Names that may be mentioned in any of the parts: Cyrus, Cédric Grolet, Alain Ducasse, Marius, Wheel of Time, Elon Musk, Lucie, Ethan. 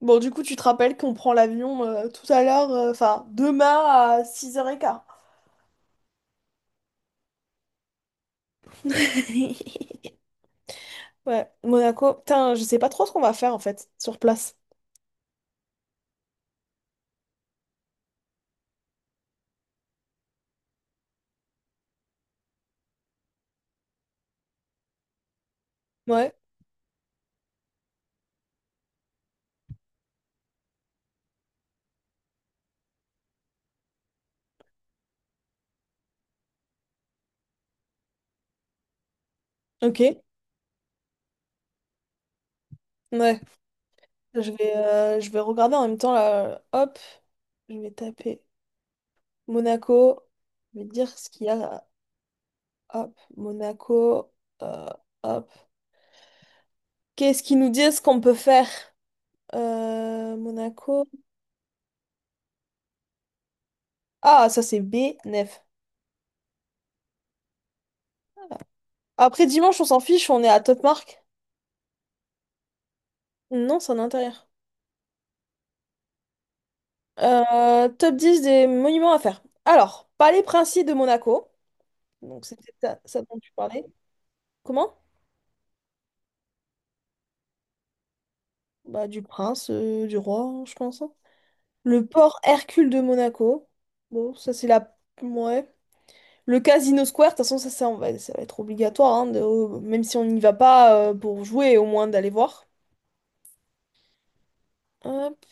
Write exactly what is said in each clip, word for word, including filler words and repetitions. Bon, du coup, tu te rappelles qu'on prend l'avion euh, tout à l'heure, euh, enfin, demain à six heures quinze. Ouais, Monaco. Putain, je sais pas trop ce qu'on va faire en fait sur place. Ouais, ok. Ouais. Je vais, euh, je vais regarder en même temps là. Hop, je vais taper Monaco. Je vais te dire ce qu'il y a. Hop, Monaco. euh, Hop. Qu'est-ce qu'ils nous disent qu'on peut faire? Euh, Monaco. Ah, ça c'est b neuf. Après dimanche, on s'en fiche, on est à Top Mark. Non, c'est en intérieur. Euh, top dix des monuments à faire. Alors, Palais Princier de Monaco. Donc, c'est peut-être ça, ça dont tu parlais. Comment? Bah, du prince, euh, du roi, hein, je pense, hein. Le port Hercule de Monaco. Bon, ça, c'est la. Ouais. Le Casino Square, de toute façon, ça, ça, on va, ça va être obligatoire, hein, de- euh, même si on n'y va pas euh, pour jouer, au moins d'aller voir. Hop.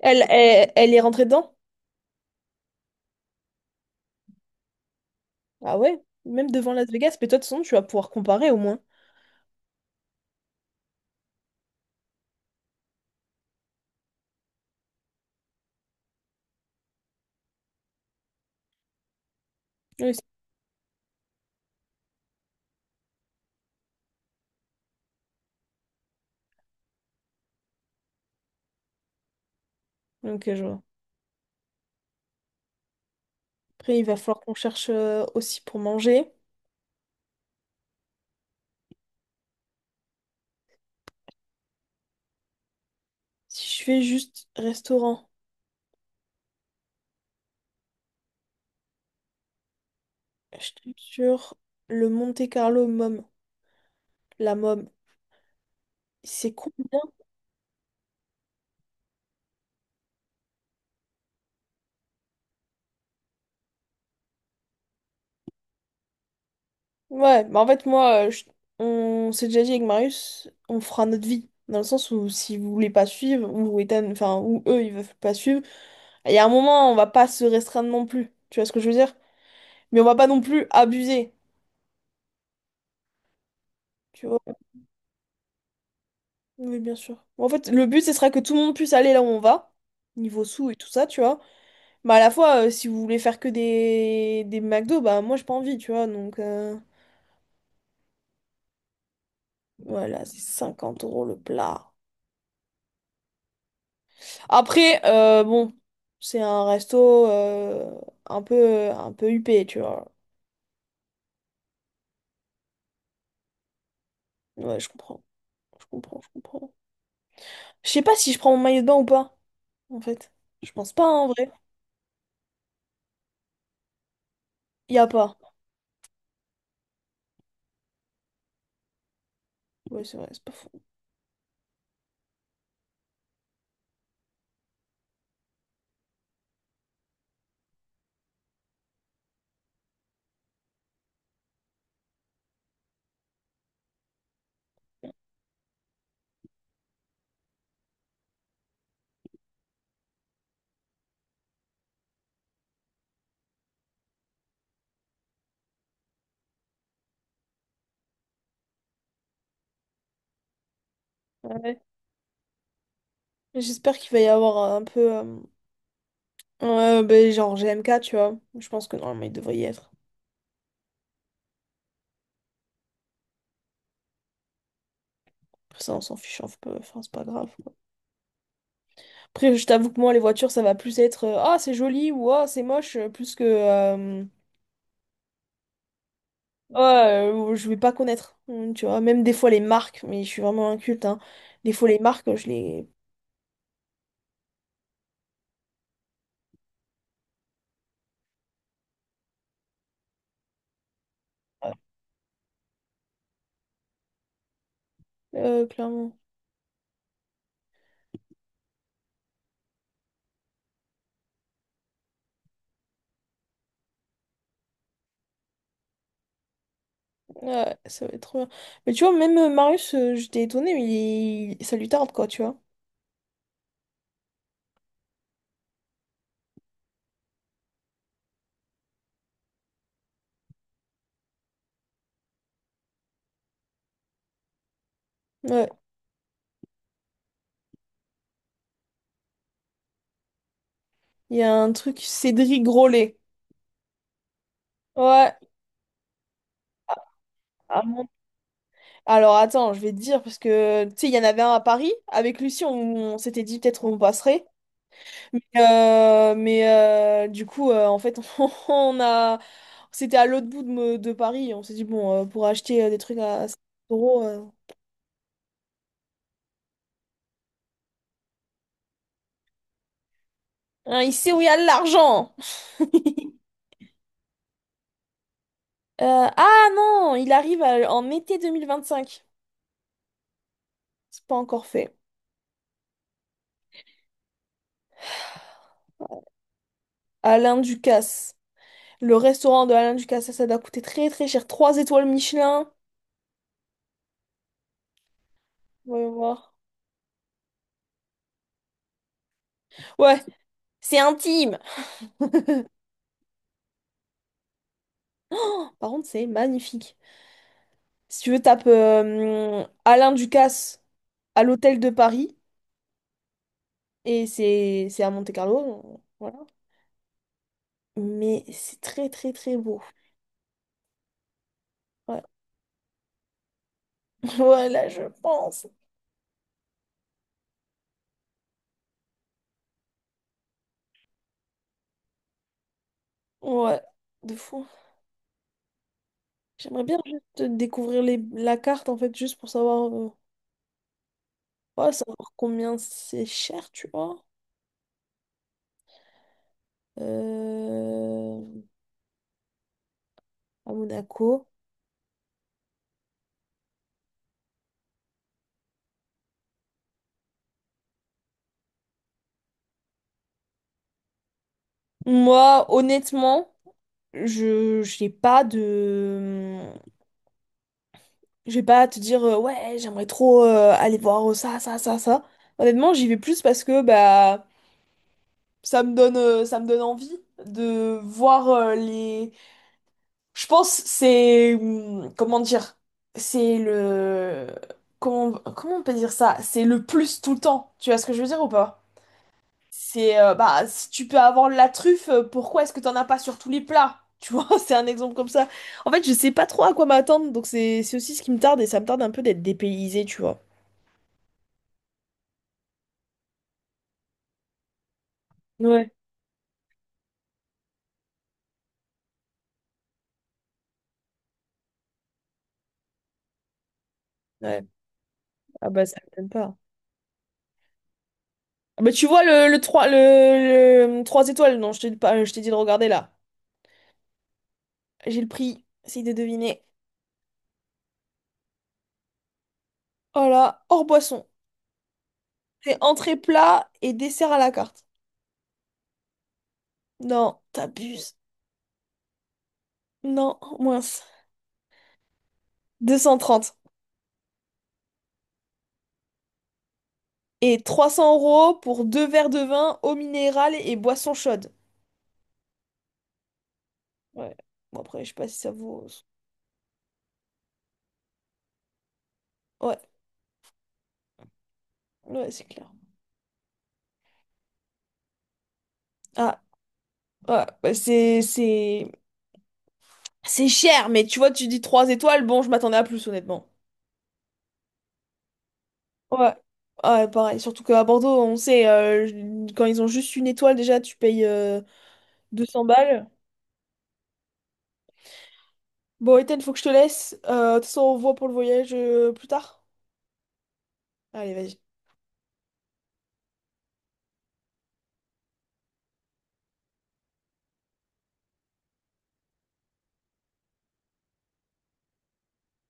Elle, elle, elle est rentrée dedans? Ah ouais? Même devant Las Vegas, mais toi, de toute façon, tu vas pouvoir comparer au moins. Oui, c'est- ok, je vois. Après, il va falloir qu'on cherche euh, aussi pour manger. Si je fais juste restaurant, je tombe sur le Monte Carlo Mom, la Mom. C'est combien? Ouais, bah en fait, moi, euh, je- on s'est déjà dit avec Marius, on fera notre vie. Dans le sens où si vous voulez pas suivre, ou Ethan, enfin, ou eux, ils veulent pas suivre, il y a un moment, on va pas se restreindre non plus. Tu vois ce que je veux dire? Mais on va pas non plus abuser. Tu vois? Oui, bien sûr. Bon, En fait, le but, ce sera que tout le monde puisse aller là où on va, niveau sous et tout ça, tu vois. Bah, à la fois, euh, si vous voulez faire que des, des McDo, bah moi j'ai pas envie, tu vois. Donc euh, voilà, c'est cinquante euros le plat. Après, euh, bon, c'est un resto euh, un peu, un peu huppé, tu vois. Ouais, je comprends. Je comprends, je comprends. Je sais pas si je prends mon maillot de bain ou pas, en fait. Je pense pas, hein, en vrai. Y a pas. Ouais, c'est vrai, c'est pas faux. Ouais. J'espère qu'il va y avoir un peu, euh, euh, ben, genre G M K, tu vois. Je pense que normalement il devrait y être. Après ça, on s'en fiche un peu. Enfin, c'est pas grave. Après, je t'avoue que moi, les voitures, ça va plus être, euh, Ah, c'est joli, ou Ah, c'est moche, euh, plus que euh, Ah, euh, je vais pas connaître. Hum, Tu vois, même des fois, les marques, mais je suis vraiment inculte, hein. Des fois, les marques, je les. Euh, clairement. Ouais, ça va être trop bien. Mais tu vois, même euh, Marius, euh, j'étais étonnée, mais il- ça lui tarde, quoi, tu vois. Ouais. Il y a un truc, Cédric Grolet. Ouais. Ah bon. Alors, attends, je vais te dire, parce que tu sais, il y en avait un à Paris. Avec Lucie, on, on s'était dit peut-être on passerait. Mais, euh, mais, euh, du coup, euh, en fait, on a, c'était à l'autre bout de, me- de Paris. On s'est dit, bon, euh, pour acheter euh, des trucs à cinq euros, euh, hein, il sait où il y a de l'argent. Euh, ah non, il arrive à- en été deux mille vingt-cinq. C'est pas encore fait. Alain Ducasse. Le restaurant de Alain Ducasse, ça, ça doit coûter très très cher. Trois étoiles Michelin. Voyons voir. Ouais, c'est intime. Par contre, c'est magnifique. Si tu veux, tape euh, Alain Ducasse à l'hôtel de Paris. Et c'est c'est à Monte-Carlo, voilà. Mais c'est très très très beau. Ouais. Voilà, je pense. Ouais, de fou. J'aimerais bien juste découvrir les, la carte en fait, juste pour savoir, euh, ouais, savoir combien c'est cher, tu vois. Euh, à Monaco. Moi, honnêtement, je j'ai pas de. Je vais pas à te dire, euh, ouais, j'aimerais trop euh, aller voir ça, ça, ça, ça. Honnêtement, j'y vais plus parce que bah. Ça me donne, euh, ça me donne envie de voir euh, les. Je pense c'est hum, comment dire, c'est le comment comment on peut dire ça? C'est le plus tout le temps. Tu vois ce que je veux dire ou pas? C'est euh, bah si tu peux avoir la truffe, euh, pourquoi est-ce que t'en as pas sur tous les plats? Tu vois, c'est un exemple comme ça. En fait, je sais pas trop à quoi m'attendre, donc c'est c'est aussi ce qui me tarde et ça me tarde un peu d'être dépaysé, tu vois. Ouais. Ouais. Ah bah ça me donne pas. Bah, tu vois le, le trois le, le trois étoiles, non, je t'ai pas, je t'ai dit de regarder là. J'ai le prix, essaye de deviner. Oh là, hors boisson. C'est entrée plat et dessert à la carte. Non, t'abuses. Non, mince. deux cent trente. Et trois cents euros pour deux verres de vin, eau minérale et boisson chaude. Ouais. Bon après, je sais pas si ça vaut... Ouais, ouais, c'est clair. Ah, ouais, bah, c'est... C'est c'est cher, mais tu vois, tu dis trois étoiles, bon, je m'attendais à plus honnêtement. Ouais. ah pareil. Surtout qu'à Bordeaux, on sait, euh, je- quand ils ont juste une étoile, déjà, tu payes euh, deux cents balles. Bon, Ethan, faut que je te laisse. Euh, de toute façon, on voit pour le voyage euh, plus tard. Allez, vas-y.